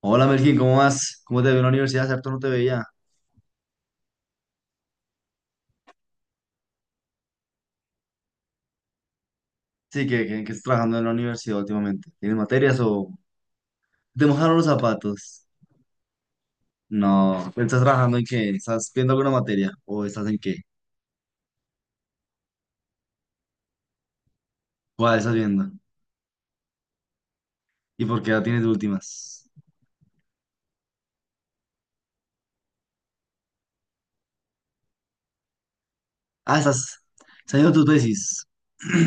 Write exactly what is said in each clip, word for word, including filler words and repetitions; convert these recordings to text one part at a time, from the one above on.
Hola Melkin, ¿cómo vas? ¿Cómo te veo en la universidad? Hace harto no te veía. Sí, que, que, que estás trabajando en la universidad últimamente. ¿Tienes materias o te mojaron los zapatos? No, ¿estás trabajando en qué? ¿Estás viendo alguna materia? ¿O estás en qué? ¿Cuál estás viendo? ¿Y por qué la tienes de últimas? Ah, estás, estás haciendo tu tesis.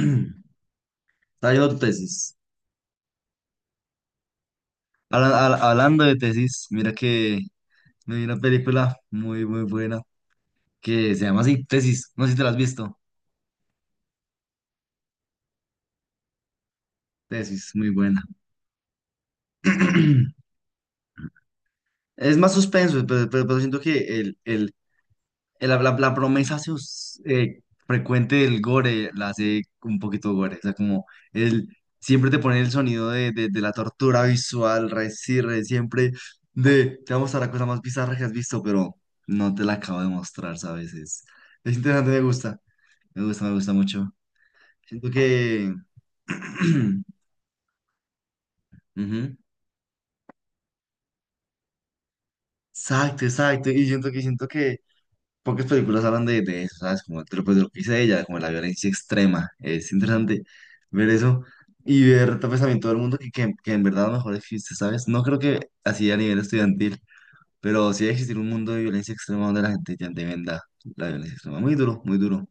Estás haciendo tu tesis. Habla- habla- hablando de tesis, mira que me vi una película muy, muy buena que se llama así, Tesis. No sé si te la has visto. Tesis, muy buena. Es más suspenso, pero, pero- pero siento que el, el, el- la, la- la promesa sus- eh, frecuente del gore la hace un poquito gore. O sea, como el, siempre te pone el sonido de, de, de la tortura visual, re, sí, re, siempre de te vamos a mostrar la cosa más bizarra que has visto, pero no te la acabo de mostrar, ¿sabes? Es, es interesante, me gusta. Me gusta, me gusta mucho. Siento que. Ujú. Exacto, exacto. Y siento que siento que pocas películas hablan de, de eso, ¿sabes? Como de lo, pues, de lo que dice ella, como de la violencia extrema. Es interesante ver eso y ver tal vez también todo el mundo que, que, que en verdad a lo mejor existe, ¿sabes? No creo que así a nivel estudiantil, pero sí debe existir un mundo de violencia extrema donde la gente ya te venda la violencia extrema. Muy duro, muy duro.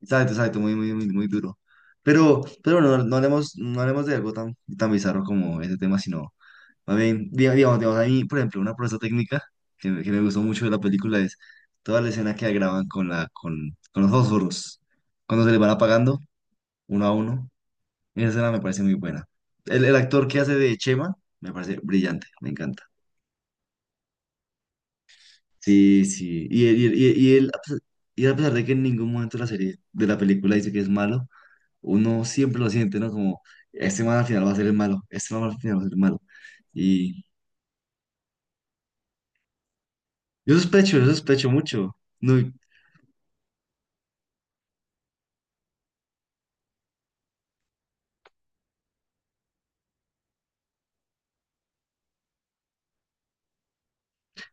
Exacto, exacto, muy, muy, muy, muy duro. Pero, pero bueno, no, no hablemos, no hablemos de algo tan, tan bizarro como ese tema, sino también, diga- digamos, digamos, a mí, por ejemplo, una proeza técnica que, me que me gustó mucho de la película es toda la escena que graban con, la, con, con los fósforos, cuando se les van apagando uno a uno. Esa escena me parece muy buena. El, el actor que hace de Chema me parece brillante, me encanta. Sí, sí. Y él, y él, y él- y él, a pesar y a pesar de que en ningún momento de la serie de la película dice que es malo, uno siempre lo siente, ¿no? Como, este man al final va a ser el malo, este man al final va a ser el malo. Y yo sospecho, yo sospecho mucho. No,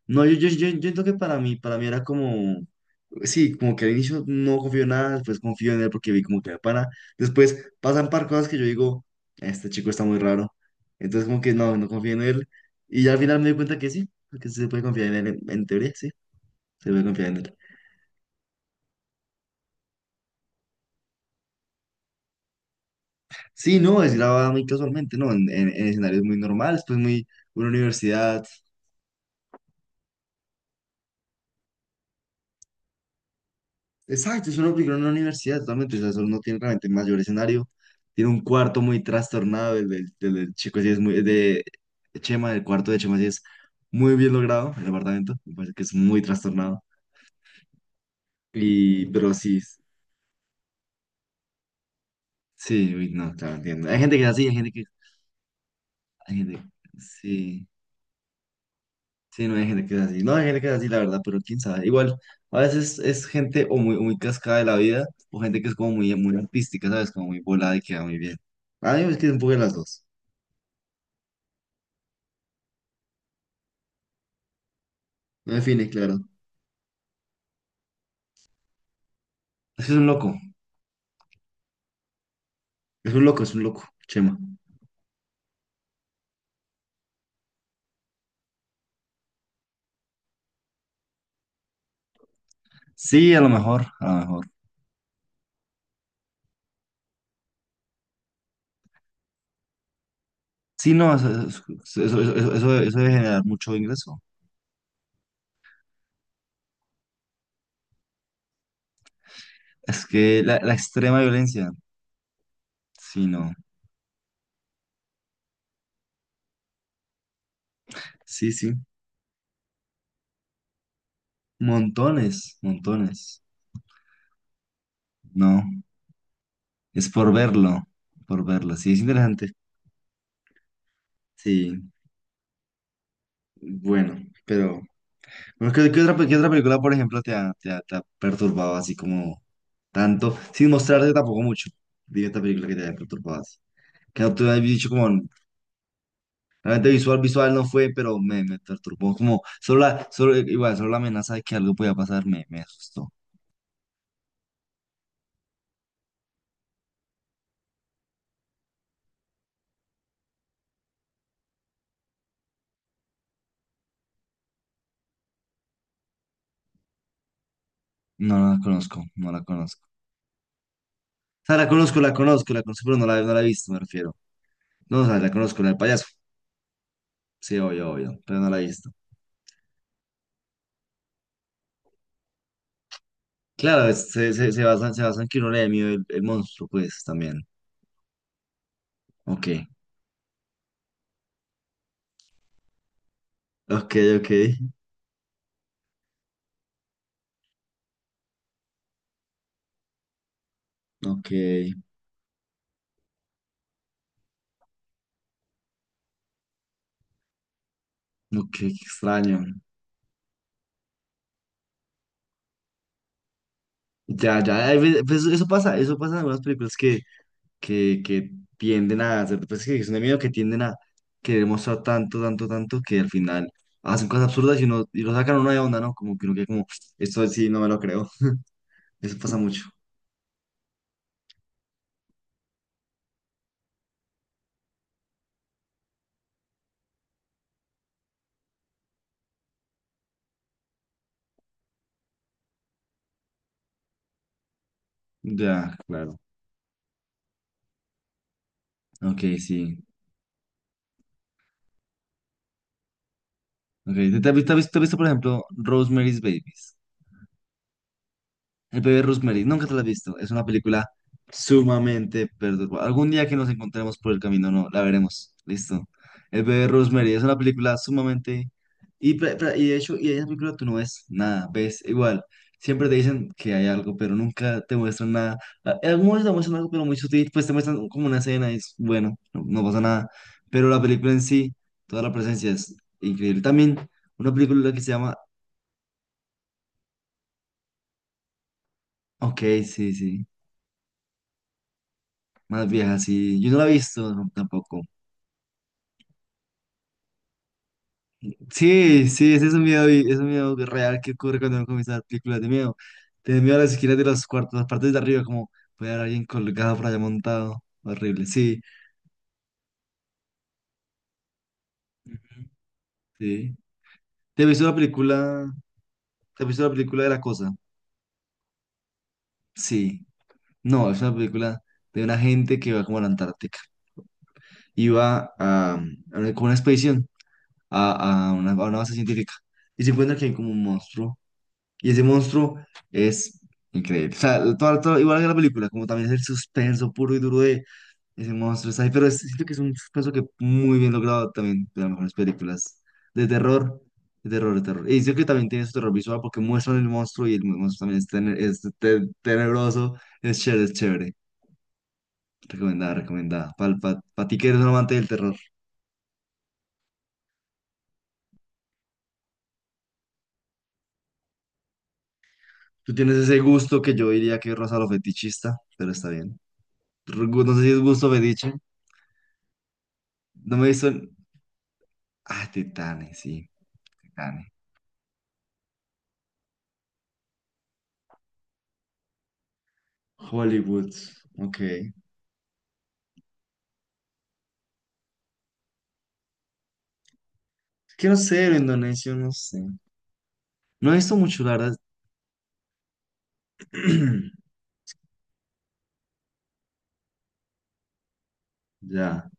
no, yo, yo, yo, yo siento que para mí, para mí era como, sí, como que al inicio no confío en nada, después confío en él porque vi como que era pana. Después pasan par cosas que yo digo, este chico está muy raro. Entonces como que no, no confío en él. Y ya al final me di cuenta que sí, que sí se puede confiar en él, en, en teoría, sí, se puede confiar en él. Sí, no, es grabada muy casualmente, ¿no? En, en, en escenarios muy normales, pues muy, una universidad. Exacto, es una película en una universidad totalmente, o sea, eso no tiene realmente mayor escenario. Tiene un cuarto muy trastornado, el del, del- del chico así es muy, de Chema, el cuarto de Chema sí es muy bien logrado, el apartamento, me parece que es muy trastornado. Y, pero sí, sí, uy, no, claro, entiendo. Hay gente que es así, hay gente que, hay gente, sí, sí, no hay gente que es así, no hay gente que es así, la verdad, pero quién sabe. Igual, a veces es gente o muy, muy cascada de la vida, o gente que es como muy, muy artística, ¿sabes? Como muy volada y queda muy bien. A mí me es que es un poco de las dos. No define, claro. Es que es un loco, es un loco, es un loco, Chema. Sí, a lo mejor, a lo mejor. Sí, no, eso, eso, eso- eso- eso- eso debe generar mucho ingreso. Es que la, la extrema violencia, sí, no. Sí, sí. Montones, montones. No, es por verlo, por verlo. Sí, es interesante. Sí, bueno, pero... Bueno, ¿qué, qué otra, pe- qué otra película, por ejemplo, te ha, te ha- te ha perturbado así como tanto? Sin mostrarte tampoco mucho. Dime esta película que te haya perturbado que no te había dicho como, realmente visual, visual no fue, pero me, me perturbó, como, solo la, solo, igual, solo la amenaza de que algo podía pasar me, me asustó. No, no la conozco, no la conozco. O sea, la conozco, la conozco, la conozco, pero no la, no la he visto, me refiero. No, o sea, la conozco, la del payaso. Sí, obvio, obvio, pero no la he visto. Claro, es- se, se, se basa, se basa en que uno le dé miedo el, el monstruo, pues, también. Ok, ok, ok, ok, ok, qué extraño. Ya, ya, hay pues, eso pasa, eso pasa en algunas películas que que, que tienden a hacer, pues que es de miedo, que tienden a querer mostrar tanto, tanto, tanto, que al final hacen cosas absurdas y, uno, y lo sacan a uno de onda, ¿no? Como que uno queda como, esto sí, no me lo creo. Eso pasa mucho. Ya, claro. Ok, sí. Ok, ¿te, te has visto, te has visto, por ejemplo, Rosemary's Babies? El bebé Rosemary, nunca te la has visto. Es una película sumamente perturbadora. Algún día que nos encontremos por el camino, no, la veremos. Listo. El bebé Rosemary es una película sumamente... Y, pre- pre- y de hecho, y en esa película tú no ves nada, ves igual. Siempre te dicen que hay algo, pero nunca te muestran nada. A- En algún momento te muestran algo, pero muy sutil, pues te muestran como una escena y es bueno, no, no pasa nada. Pero la película en sí, toda la presencia es increíble. También una película que se llama... Ok, sí, sí. Más vieja, sí. Yo no la he visto no, tampoco. Sí, sí, ese es un miedo, y- es un miedo real que ocurre cuando uno comienza a ver películas de miedo. Te da miedo a las esquinas de los cuartos, las partes de arriba, como puede haber alguien colgado por allá montado. Horrible, sí, sí. ¿Te has visto la película? ¿Te has visto la película de La Cosa? Sí. No, es una película de una gente que va como a la Antártica. Iba a, a una, como una expedición a, a una, a una base científica. Y se encuentra que hay como un monstruo. Y ese monstruo es increíble. O sea, todo- todo- igual que la película, como también es el suspenso puro y duro de ese monstruo. Está ahí, pero es- siento que es un suspenso que muy bien logrado también de las mejores películas de terror, de terror, de terror. Y siento que también tiene su terror visual porque muestran el monstruo y el monstruo también es, tene- es te- tenebroso. Es chévere, es chévere. Recomendada, recomendada. Para ti que eres un amante del terror. Tú tienes ese gusto que yo diría que rosa lo fetichista, pero está bien. Ru- No sé si es gusto fetiche. No me he visto. Ah, Titanes, sí, Titanes. Hollywood, ok. Que no sé, el indonesio, no sé. No he visto mucho, la verdad. Ya,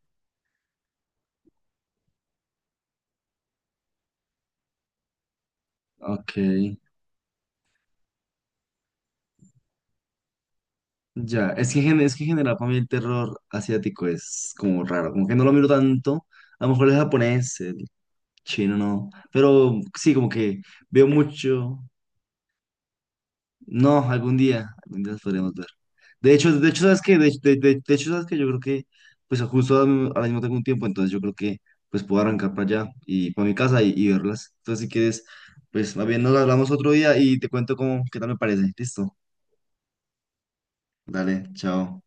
ok. Ya, es que, en gen- es que en general para mí el terror asiático es como raro, como que no lo miro tanto. A lo mejor el japonés, el chino, no. Pero sí, como que veo mucho. No, algún día, algún día las podremos ver. De hecho, de hecho, ¿sabes qué? De, de- de- de hecho, ¿sabes qué? Yo creo que, pues justo ahora mismo ahora mismo tengo un tiempo, entonces yo creo que, pues puedo arrancar para allá y para mi casa y, y verlas. Entonces, si quieres, pues más bien nos hablamos otro día y te cuento cómo, qué tal me parece. Listo. Dale, chao.